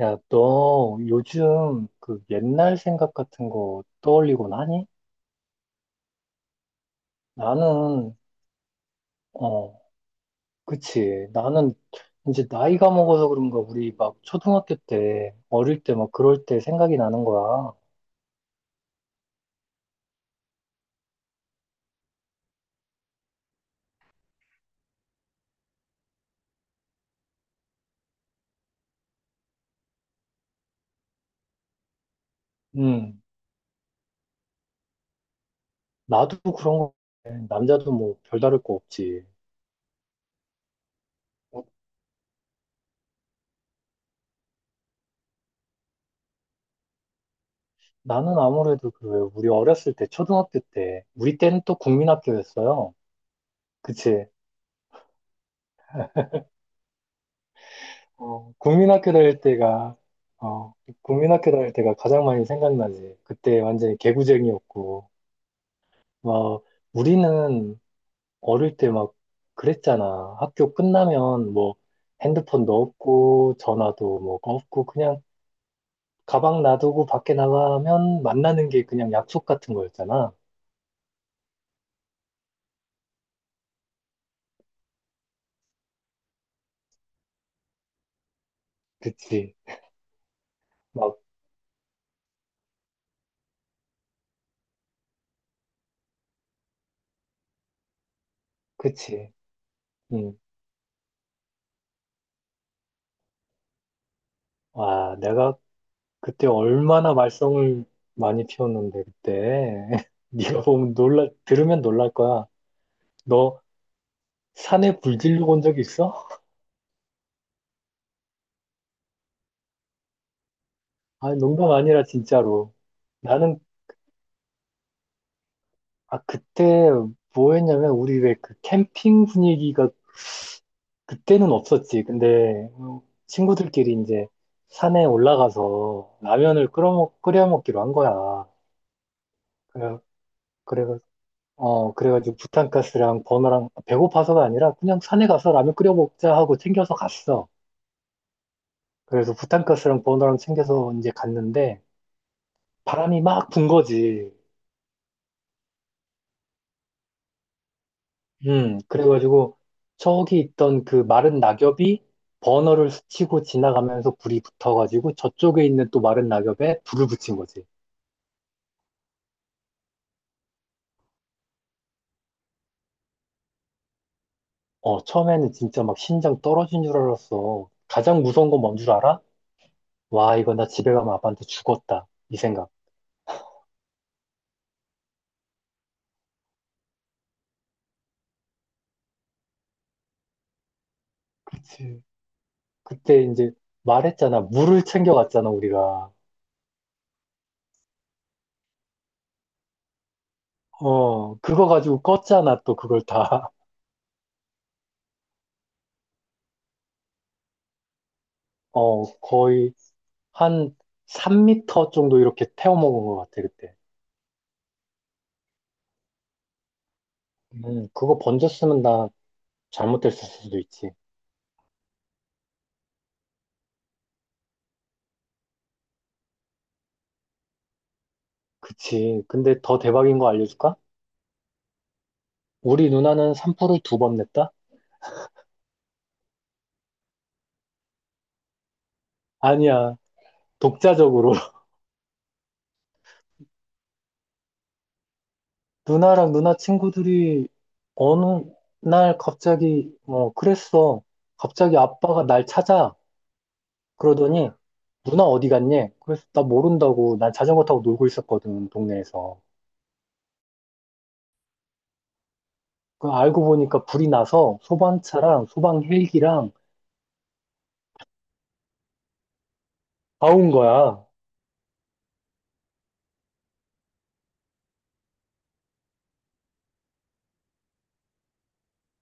야, 너 요즘 그 옛날 생각 같은 거 떠올리곤 하니? 나는, 어, 그치. 나는 이제 나이가 먹어서 그런가 우리 막 초등학교 때, 어릴 때 막 그럴 때 생각이 나는 거야. 음, 나도 그런 거, 같아. 남자도 뭐 별다를 거 없지. 어, 나는 아무래도 그 왜 우리 어렸을 때, 초등학교 때, 우리 때는 또 국민학교였어요. 그치. 어, 국민학교 다닐 때가, 어, 국민학교 다닐 때가 가장 많이 생각나지. 그때 완전히 개구쟁이였고, 막, 우리는 어릴 때 막 그랬잖아. 학교 끝나면 뭐, 핸드폰도 없고, 전화도 뭐 없고, 그냥 가방 놔두고 밖에 나가면 만나는 게 그냥 약속 같은 거였잖아. 그치. 막, 그치. 응. 와, 내가 그때 얼마나 말썽을 많이 피웠는데 그때 네가 보면 놀라 들으면 놀랄 거야. 너 산에 불 질러 본 적 있어? 아, 농담 아니라 진짜로. 나는 아, 그때 뭐 했냐면 우리 왜 그 캠핑 분위기가 그때는 없었지. 근데 친구들끼리 이제 산에 올라가서 라면을 끓여 먹기로 한 거야. 그래 그래 그래가지고 부탄가스랑 버너랑 배고파서가 아니라 그냥 산에 가서 라면 끓여 먹자 하고 챙겨서 갔어. 그래서 부탄가스랑 버너랑 챙겨서 이제 갔는데 바람이 막 분 거지. 그래가지고 저기 있던 그 마른 낙엽이 버너를 스치고 지나가면서 불이 붙어가지고 저쪽에 있는 또 마른 낙엽에 불을 붙인 거지. 처음에는 진짜 막 심장 떨어진 줄 알았어. 가장 무서운 건 뭔 줄 알아? 와, 이거 나 집에 가면 아빠한테 죽었다. 이 생각. 그치. 그때 이제 말했잖아. 물을 챙겨갔잖아, 우리가. 어, 그거 가지고 껐잖아, 또 그걸 다. 거의 한 3미터 정도 이렇게 태워 먹은 것 같아, 그때. 그거 번졌으면 나 잘못됐을 수도 있지. 그치. 근데 더 대박인 거 알려줄까? 우리 누나는 산불을 두 번 냈다? 아니야. 독자적으로. 누나랑 누나 친구들이 어느 날 갑자기, 그랬어. 갑자기 아빠가 날 찾아. 그러더니 누나 어디 갔니? 그래서 나 모른다고 난 자전거 타고 놀고 있었거든 동네에서. 그 알고 보니까 불이 나서 소방차랑 소방 헬기랑 다 온 거야.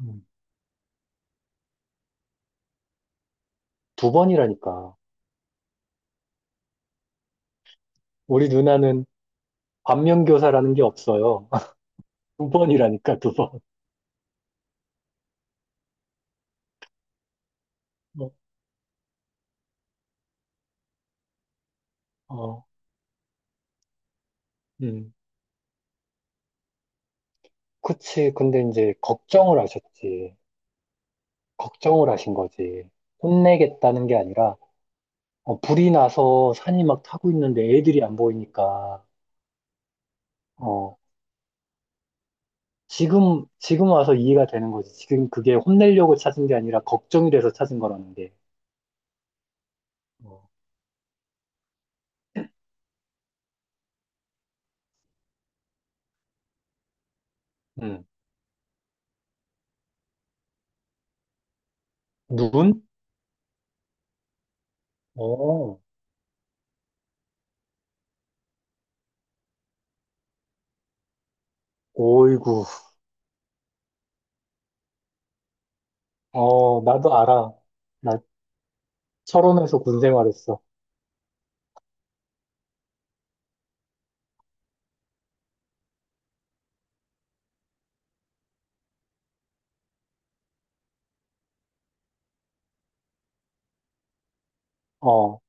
음. 두 번이라니까. 우리 누나는 반면교사라는 게 없어요. 두 번이라니까 두 번. 어, 어, 음. 그치. 근데 이제 걱정을 하셨지. 걱정을 하신 거지. 혼내겠다는 게 아니라, 불이 나서 산이 막 타고 있는데 애들이 안 보이니까, 어. 지금 와서 이해가 되는 거지. 지금 그게 혼내려고 찾은 게 아니라 걱정이 돼서 찾은 거라는 게. 어, 음. 눈? 어, 오이구. 어, 나도 알아. 나 철원에서 군 생활했어. 어,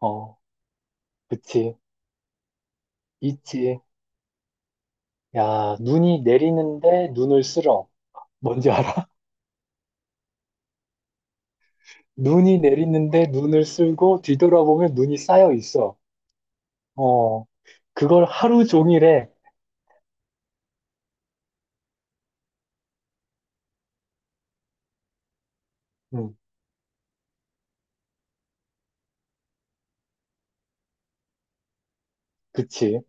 어, 그치. 있지. 야, 눈이 내리는데 눈을 쓸어. 뭔지 알아? 눈이 내리는데 눈을 쓸고 뒤돌아보면 눈이 쌓여 있어. 어, 그걸 하루 종일 해. 음, 그치.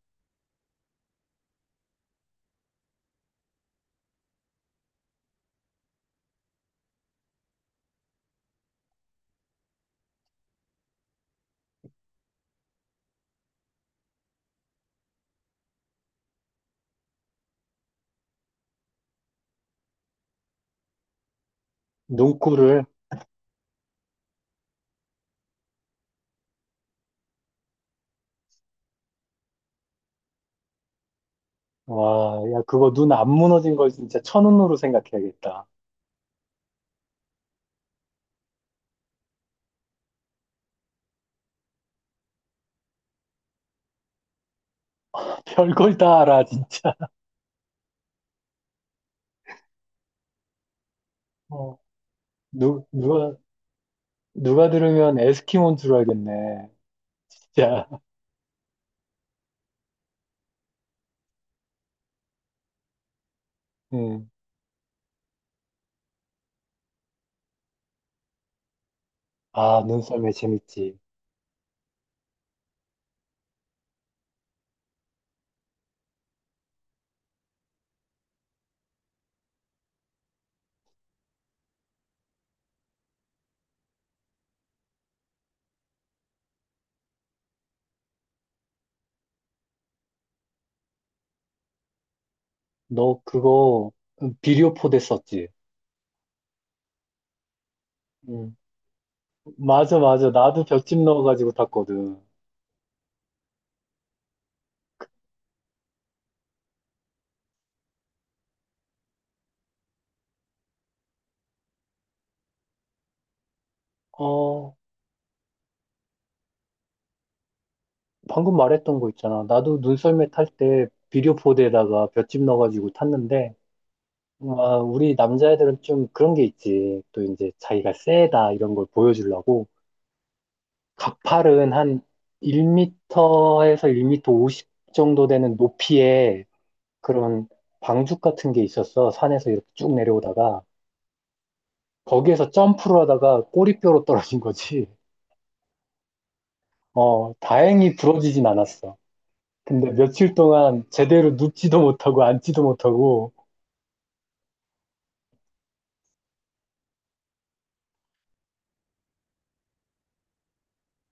눈코를 와, 야, 그거 눈 안 무너진 걸 진짜 천운으로 생각해야겠다. 별걸 다 알아, 진짜. 어, 누, 누가, 누가 들으면 에스키모인 줄 알겠네. 진짜. 응. 아, 눈썰매 재밌지. 너 그거 비료포대 썼지? 응, 맞아, 맞아. 나도 볏짚 넣어가지고 탔거든. 어, 방금 말했던 거 있잖아. 나도 눈썰매 탈 때 비료포대에다가 볏짚 넣어가지고 탔는데, 와, 우리 남자애들은 좀 그런 게 있지. 또 이제 자기가 세다 이런 걸 보여주려고 가팔은 한 1m에서 1m 50 정도 되는 높이에 그런 방죽 같은 게 있었어. 산에서 이렇게 쭉 내려오다가 거기에서 점프를 하다가 꼬리뼈로 떨어진 거지. 어, 다행히 부러지진 않았어. 근데 며칠 동안 제대로 눕지도 못하고 앉지도 못하고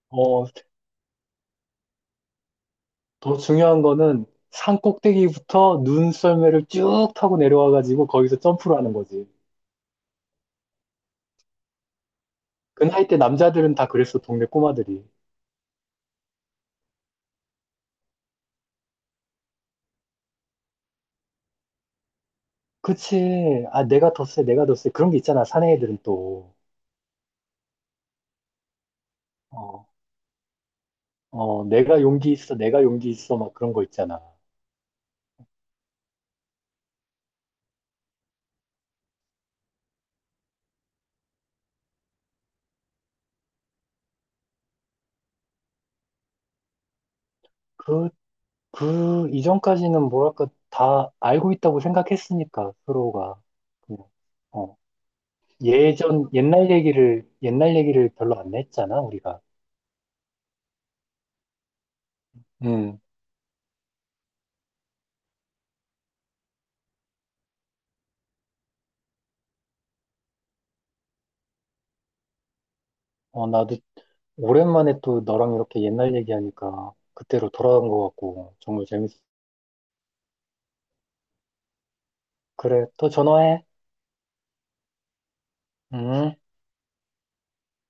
어, 더 중요한 거는 산 꼭대기부터 눈썰매를 쭉 타고 내려와가지고 거기서 점프를 하는 거지. 그 나이 때 남자들은 다 그랬어, 동네 꼬마들이. 그치. 아, 내가 더 세, 내가 더 세. 그런 게 있잖아, 사내 애들은 또. 어, 어, 내가 용기 있어, 내가 용기 있어. 막 그런 거 있잖아. 그, 그 이전까지는 뭐랄까, 다 알고 있다고 생각했으니까, 서로가. 그냥, 어, 옛날 얘기를 별로 안 했잖아, 우리가. 음. 어, 나도 오랜만에 또 너랑 이렇게 옛날 얘기하니까 그때로 돌아간 것 같고 정말 재밌어. 그래, 또 전화해. 응.